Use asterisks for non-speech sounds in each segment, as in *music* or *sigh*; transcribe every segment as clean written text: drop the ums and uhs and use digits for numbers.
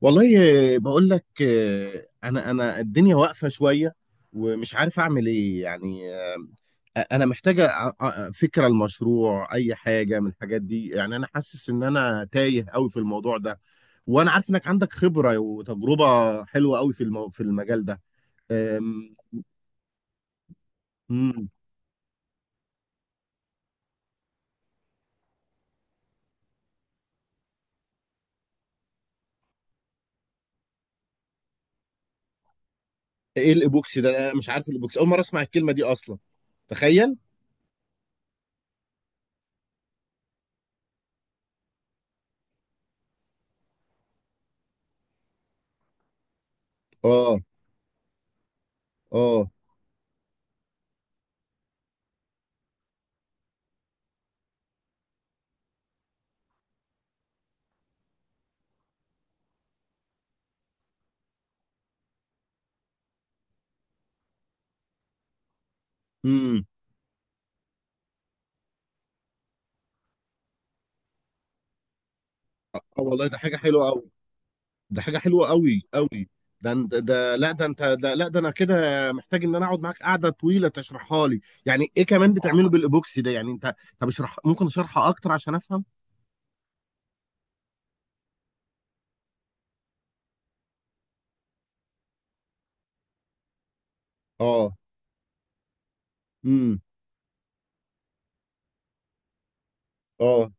والله. بقول لك، انا الدنيا واقفه شويه، ومش عارف اعمل ايه يعني. انا محتاجه فكره المشروع، اي حاجه من الحاجات دي. يعني انا حاسس ان انا تايه قوي في الموضوع ده، وانا عارف انك عندك خبره وتجربه حلوه قوي في المجال ده. أم... مم. ايه الايبوكسي ده؟ انا مش عارف الايبوكسي، اول مره اسمع الكلمه دي اصلا. تخيل. اه. اه. امم. اه، والله ده حاجه حلوه. ده حاجة حلوة قوي قوي. ده أنت- ده لا ده انت ده لا ده انا كده محتاج ان انا اقعد معاك قعدة طويلة تشرحها لي. يعني ايه كمان بتعمله بالايبوكسي ده؟ يعني انت طب اشرح، ممكن اشرحها اكتر عشان افهم. اه. امم. اه.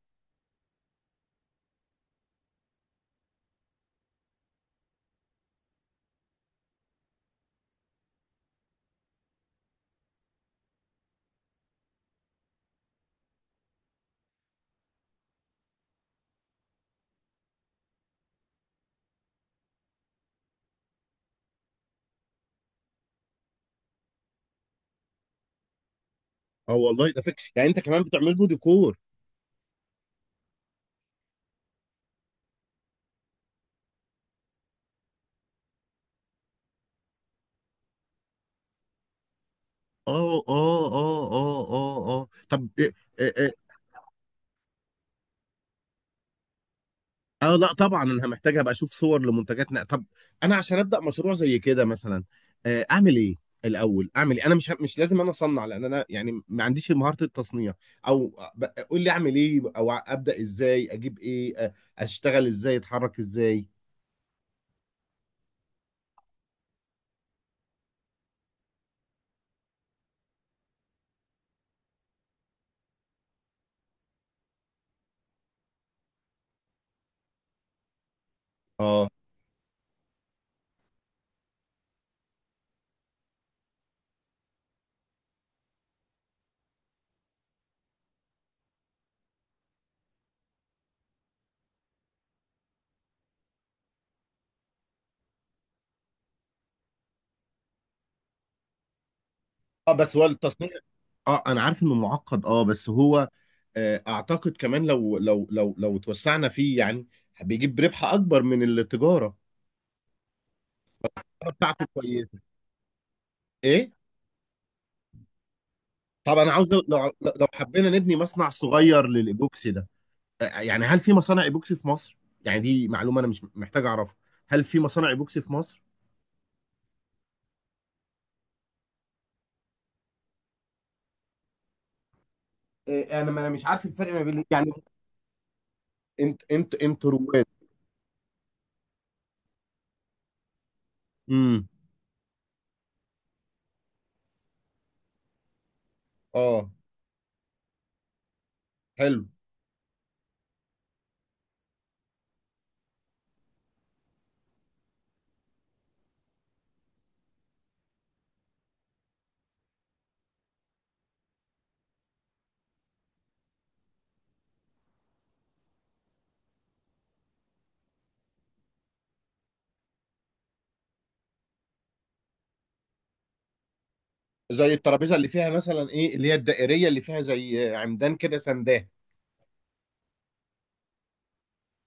اه، والله ده فكرة. يعني انت كمان بتعمل له ديكور؟ اه. اه. اه. اه. اه. اه. طب. اه، لا طبعا انا محتاج ابقى اشوف صور لمنتجات طب. انا عشان ابدا مشروع زي كده مثلا، اعمل ايه؟ الاول اعمل ايه؟ انا مش لازم انا اصنع، لان انا يعني ما عنديش مهارة التصنيع. او، قول لي اعمل ايه، او ابدا ازاي، اجيب ايه، اشتغل ازاي، اتحرك ازاي؟ اه. اه، بس هو التصنيع. اه انا عارف انه معقد، اه بس هو، اعتقد كمان لو توسعنا فيه يعني، بيجيب ربح اكبر من التجارة، بتاعته كويسة. ايه. طب انا عاوز لو حبينا نبني مصنع صغير للايبوكسي ده. يعني هل في مصانع ايبوكسي في مصر؟ يعني دي معلومه انا مش محتاج اعرفها. هل في مصانع ايبوكسي في مصر؟ إيه، انا ما انا مش عارف الفرق ما بين، يعني. انت رواد. امم. اه. حلو. زي الترابيزه اللي فيها مثلا، ايه، اللي هي الدائريه اللي فيها زي عمدان كده سنداه.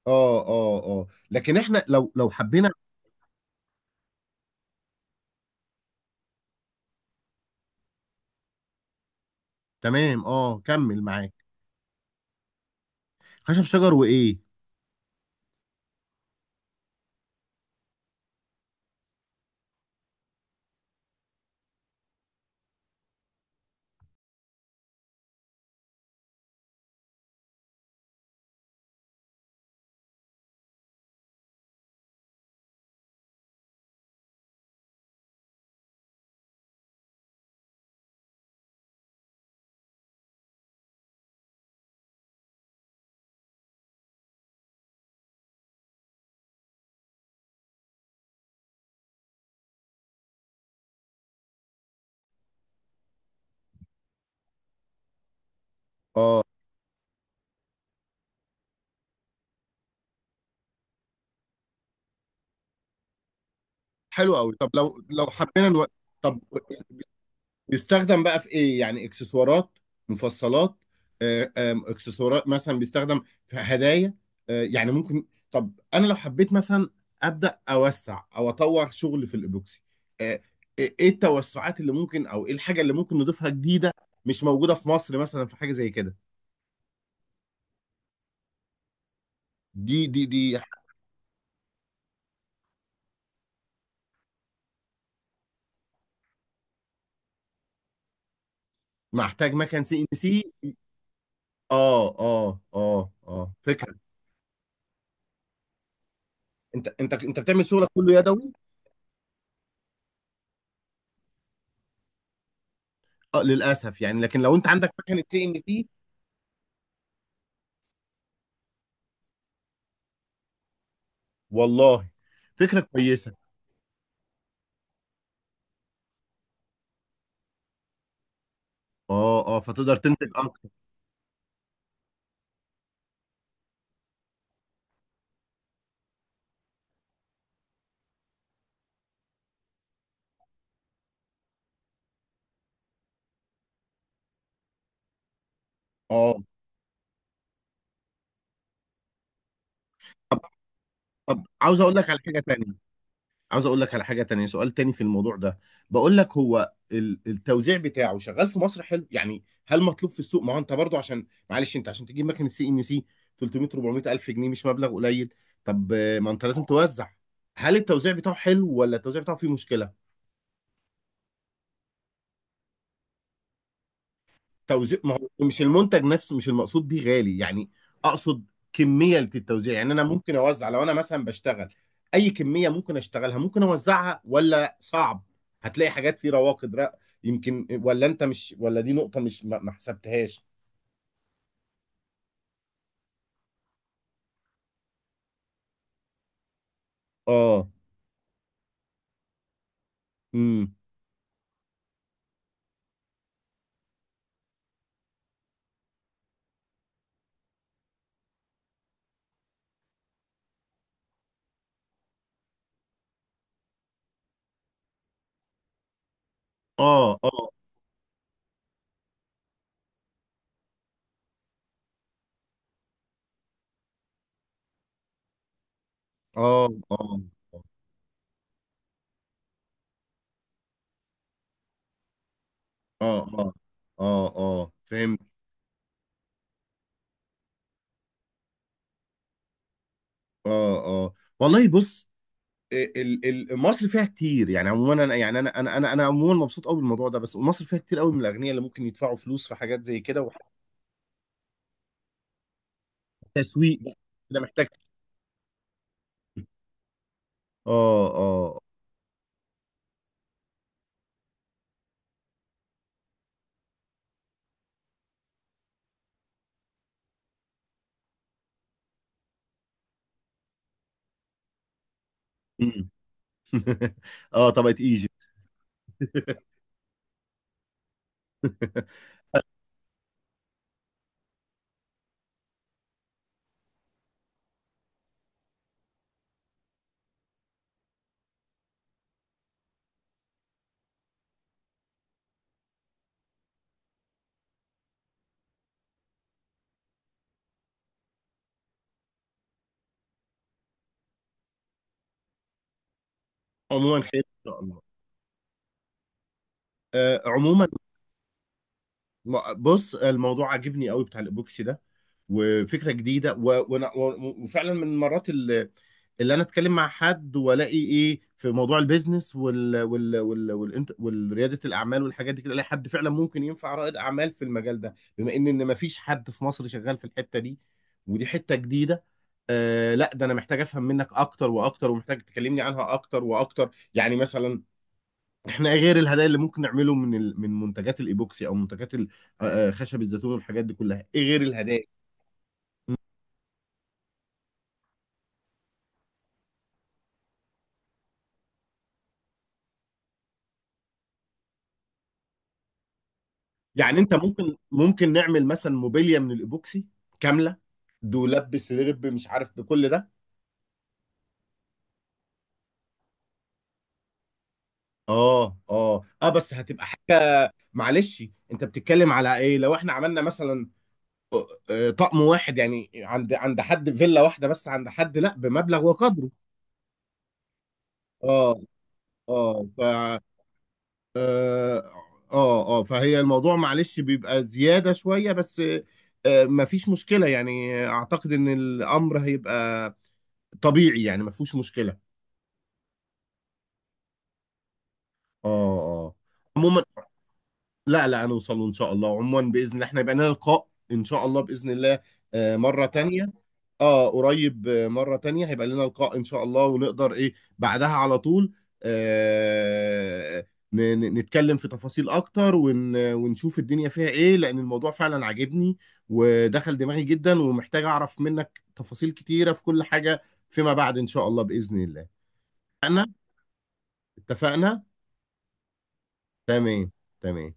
اه. اه. اه، لكن احنا لو حبينا. تمام. اه، كمل معاك. خشب شجر وايه؟ اه، حلو قوي. طب لو حبينا طب بيستخدم بقى في ايه؟ يعني اكسسوارات، مفصلات. آه، آم، اكسسوارات مثلا بيستخدم في هدايا. يعني ممكن. طب انا لو حبيت مثلا، ابدا اوسع او اطور شغل في الايبوكسي آه، ايه التوسعات اللي ممكن، او ايه الحاجه اللي ممكن نضيفها جديده؟ مش موجوده في مصر، مثلا في حاجه زي كده دي. محتاج مكان سي ان سي. اه. اه. اه. اه، فكره. انت بتعمل شغلك كله يدوي؟ اه، للاسف يعني. لكن لو انت عندك مكنه سي ان سي، والله فكرة كويسة. اه. اه، فتقدر تنتج اكتر. اه، طب عاوز اقول لك على حاجة تانية. سؤال تاني في الموضوع ده. بقول لك هو التوزيع بتاعه شغال في مصر حلو يعني؟ هل مطلوب في السوق؟ ما هو انت برضو، عشان معلش انت عشان تجيب مكنة سي ان سي 300 400 الف جنيه مش مبلغ قليل. طب، ما انت لازم توزع. هل التوزيع بتاعه حلو، ولا التوزيع بتاعه فيه مشكلة؟ توزيع، ما هو مش المنتج نفسه مش المقصود بيه غالي يعني. اقصد، كميه التوزيع. يعني انا ممكن اوزع لو انا مثلا بشتغل، اي كميه ممكن اشتغلها ممكن اوزعها، ولا صعب؟ هتلاقي حاجات في رواقد يمكن. ولا انت مش، ولا دي نقطه مش ما حسبتهاش. اه. امم. اه. اه. اه. اه. اه. اه. اه. اه فهمت. اه. اه، والله بص. ال- مصر فيها كتير يعني. عموما انا يعني انا عموما مبسوط قوي بالموضوع ده، بس مصر فيها كتير قوي من الاغنياء اللي ممكن يدفعوا فلوس في حاجات زي كده، وحتى تسويق بقى. كده محتاج. اه. اه. مم. *laughs* اه، طبقة ايجيبت. *laughs* عموما خير ان شاء الله. عموما. بص، الموضوع عاجبني قوي بتاع الايبوكسي ده، وفكره جديده وفعلا من المرات اللي، اللي انا اتكلم مع حد والاقي ايه في موضوع البيزنس والرياده الاعمال والحاجات دي كده، الاقي حد فعلا ممكن ينفع رائد اعمال في المجال ده، بما ان مفيش حد في مصر شغال في الحته دي، ودي حته جديده. لا، ده انا محتاج افهم منك اكتر واكتر، ومحتاج تكلمني عنها اكتر واكتر. يعني مثلا، احنا غير الهدايا اللي ممكن نعمله من من منتجات الايبوكسي، او منتجات خشب الزيتون والحاجات دي كلها، ايه غير الهدايا؟ يعني انت ممكن نعمل مثلا موبيليا من الايبوكسي كامله، دولاب بسرير مش عارف بكل ده. اه. اه. اه، بس هتبقى حاجه معلش. انت بتتكلم على ايه؟ لو احنا عملنا مثلا، طقم واحد يعني، عند حد فيلا واحده، بس عند حد لا بمبلغ وقدره. اه. اه. اه. اه. فهي الموضوع معلش بيبقى زيادة شوية بس. مفيش مشكلة يعني، اعتقد ان الامر هيبقى طبيعي يعني. مفيش مشكلة. اه. اه. عموما لا لا، هنوصله ان شاء الله. عموما باذن الله احنا يبقى لنا لقاء ان شاء الله باذن الله، مرة تانية. اه قريب، مرة تانية هيبقى لنا لقاء ان شاء الله، ونقدر ايه بعدها على طول، آه نتكلم في تفاصيل اكتر، ونشوف الدنيا فيها ايه، لان الموضوع فعلا عاجبني ودخل دماغي جدا، ومحتاج اعرف منك تفاصيل كتيرة في كل حاجة فيما بعد ان شاء الله بإذن الله. اتفقنا، اتفقنا. تمام، تمام.